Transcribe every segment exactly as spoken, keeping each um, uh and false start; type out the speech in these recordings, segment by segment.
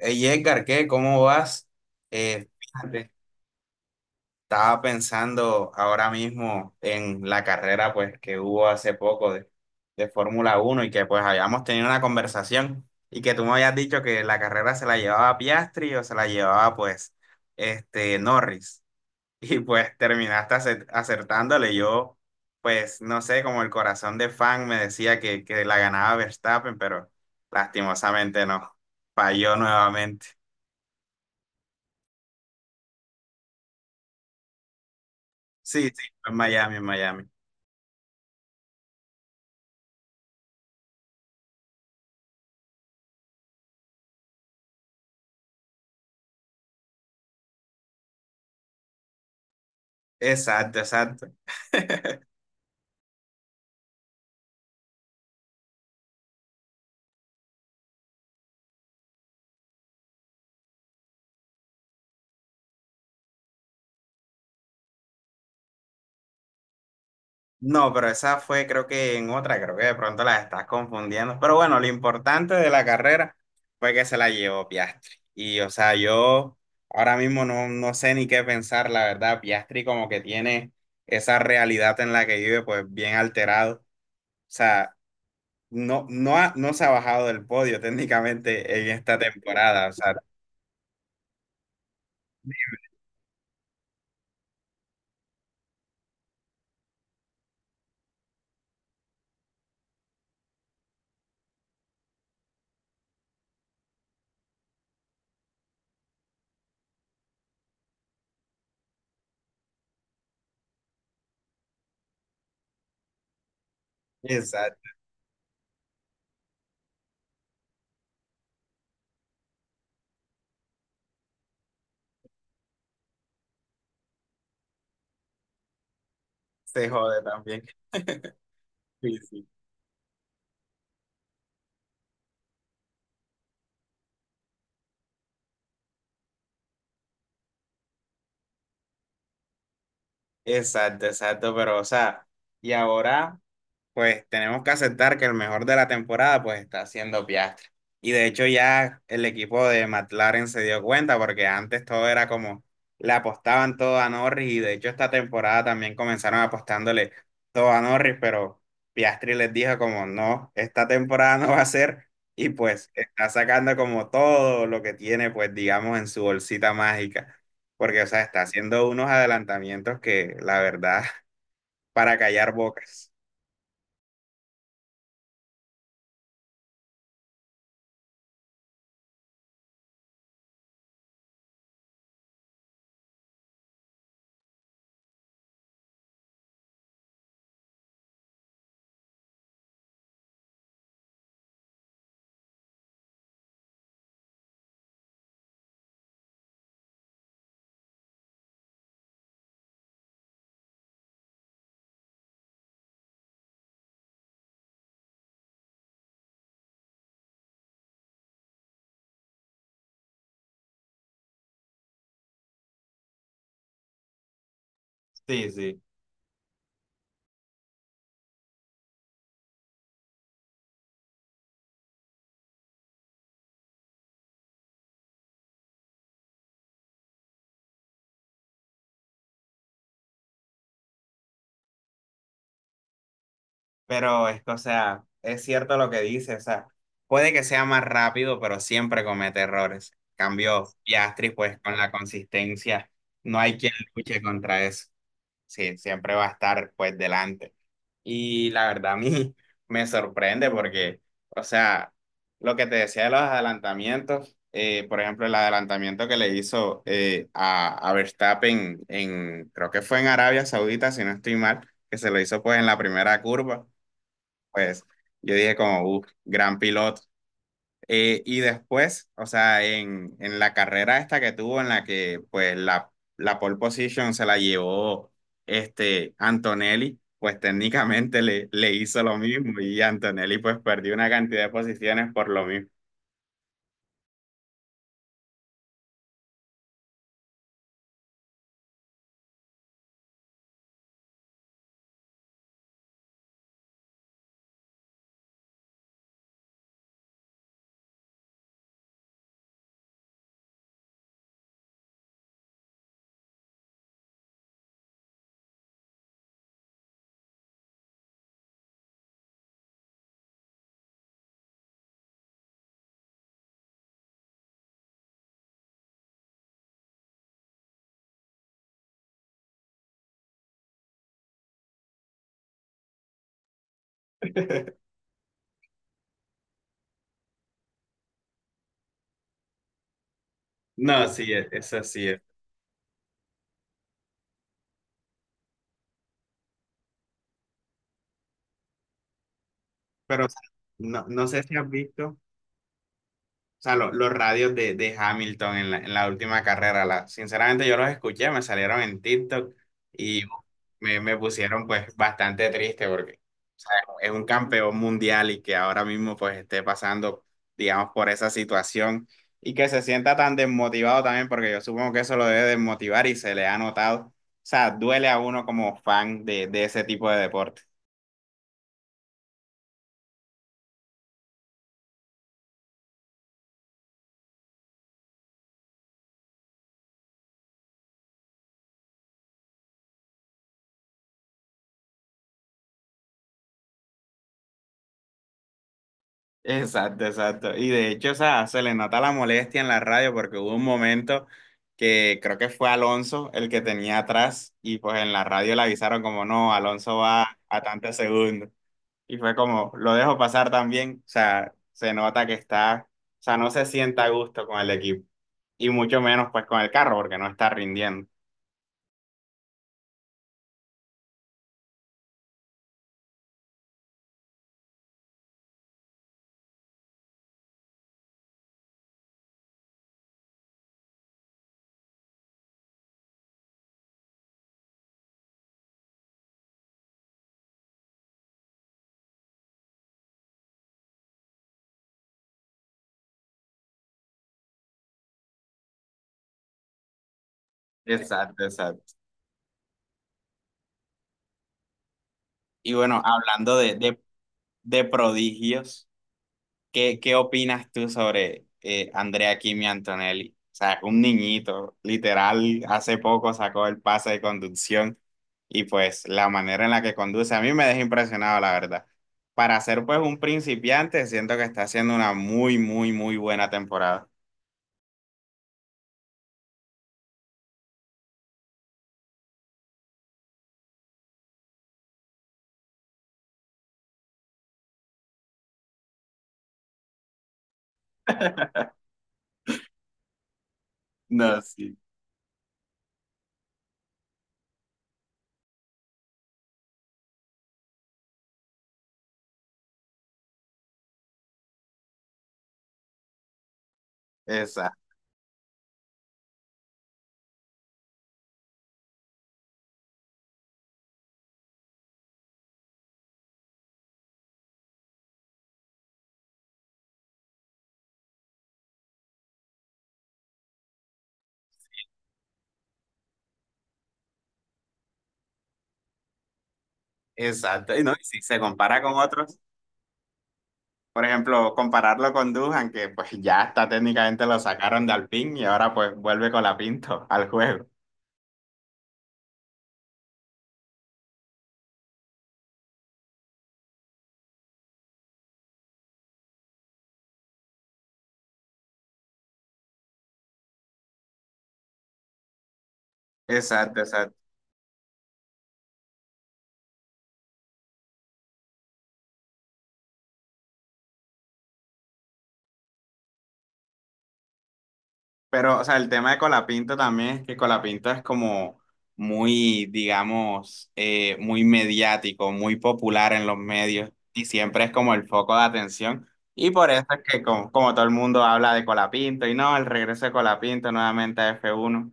Hey Edgar, ¿qué? ¿Cómo vas? Eh, fíjate, estaba pensando ahora mismo en la carrera pues que hubo hace poco de, de Fórmula Uno y que pues habíamos tenido una conversación y que tú me habías dicho que la carrera se la llevaba Piastri o se la llevaba pues este Norris y pues terminaste acer- acertándole. Yo pues no sé, como el corazón de fan me decía que, que la ganaba Verstappen, pero lastimosamente no, falló nuevamente. Sí, sí, en Miami, en Miami. Exacto, exacto. No, pero esa fue creo que en otra, creo que de pronto la estás confundiendo. Pero bueno, lo importante de la carrera fue que se la llevó Piastri. Y o sea, yo ahora mismo no, no sé ni qué pensar, la verdad. Piastri como que tiene esa realidad en la que vive pues bien alterado. O sea, no, no, ha- no se ha bajado del podio técnicamente en esta temporada. O sea, exacto, se jode también. Sí, sí. Exacto, exacto, pero o sea, y ahora pues tenemos que aceptar que el mejor de la temporada pues está siendo Piastri. Y de hecho ya el equipo de McLaren se dio cuenta porque antes todo era como le apostaban todo a Norris y de hecho esta temporada también comenzaron apostándole todo a Norris, pero Piastri les dijo como no, esta temporada no va a ser y pues está sacando como todo lo que tiene pues digamos en su bolsita mágica. Porque, o sea, está haciendo unos adelantamientos que, la verdad, para callar bocas. Sí, sí. Pero es que, o sea, es cierto lo que dice, o sea, puede que sea más rápido, pero siempre comete errores. Cambio Piastri, pues con la consistencia, no hay quien luche contra eso. Sí, siempre va a estar pues delante. Y la verdad a mí me sorprende porque, o sea, lo que te decía de los adelantamientos, eh, por ejemplo, el adelantamiento que le hizo eh, a, a Verstappen en, creo que fue en Arabia Saudita, si no estoy mal, que se lo hizo pues en la primera curva pues yo dije como, uff, gran piloto. Eh, y después, o sea, en, en la carrera esta que tuvo, en la que pues la, la pole position se la llevó este Antonelli, pues técnicamente le, le hizo lo mismo y Antonelli pues perdió una cantidad de posiciones por lo mismo. No, sí, es, eso sí es. Pero o sea, no, no sé si has visto. O sea, lo- los radios de, de Hamilton en la, en la última carrera, la, sinceramente yo los escuché, me salieron en TikTok y me, me pusieron pues bastante triste porque o sea, es un campeón mundial y que ahora mismo pues esté pasando, digamos, por esa situación y que se sienta tan desmotivado también porque yo supongo que eso lo debe desmotivar y se le ha notado. O sea, duele a uno como fan de, de ese tipo de deporte. Exacto, exacto. Y de hecho, o sea, se le nota la molestia en la radio porque hubo un momento que creo que fue Alonso el que tenía atrás y pues en la radio le avisaron como no, Alonso va a tantos segundos. Y fue como, lo dejo pasar también. O sea, se nota que está, o sea, no se sienta a gusto con el equipo y mucho menos pues con el carro porque no está rindiendo. Exacto, exacto. Y bueno, hablando de, de, de prodigios. ¿Qué, qué opinas tú sobre eh, Andrea Kimi Antonelli? O sea, un niñito, literal, hace poco sacó el pase de conducción y pues la manera en la que conduce a mí me deja impresionado, la verdad. Para ser pues un principiante, siento que está haciendo una muy, muy, muy buena temporada. No, sí. Esa, exacto. Y no, y si se compara con otros, por ejemplo, compararlo con Dujan, que pues ya está técnicamente lo sacaron de Alpine y ahora pues vuelve con la Pinto al juego. Exacto, exacto. Pero, o sea, el tema de Colapinto también es que Colapinto es como muy, digamos, eh, muy mediático, muy popular en los medios y siempre es como el foco de atención. Y por eso es que como, como todo el mundo habla de Colapinto y no, el regreso de Colapinto nuevamente a f uno.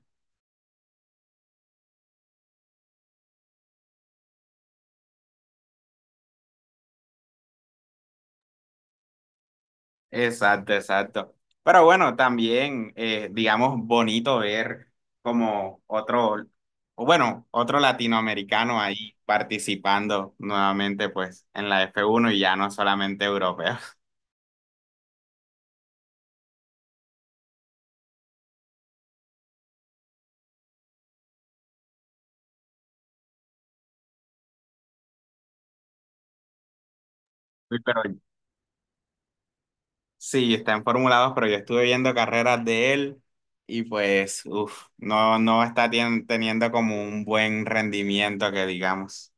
Exacto, exacto. Pero bueno, también, eh, digamos, bonito ver como otro, o bueno, otro latinoamericano ahí participando nuevamente pues en la f uno y ya no solamente europeo. Sí, pero sí, está en Fórmula dos, pero yo estuve viendo carreras de él y pues, uff, no, no está tien- teniendo como un buen rendimiento que digamos.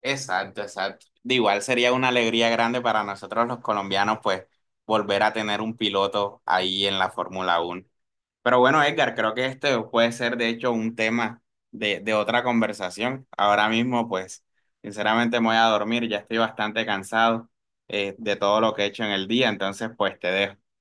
Exacto, exacto. De igual sería una alegría grande para nosotros los colombianos, pues, volver a tener un piloto ahí en la Fórmula Uno. Pero bueno, Edgar, creo que este puede ser de hecho un tema de, de otra conversación. Ahora mismo, pues, sinceramente me voy a dormir, ya estoy bastante cansado eh, de todo lo que he hecho en el día, entonces, pues, te dejo.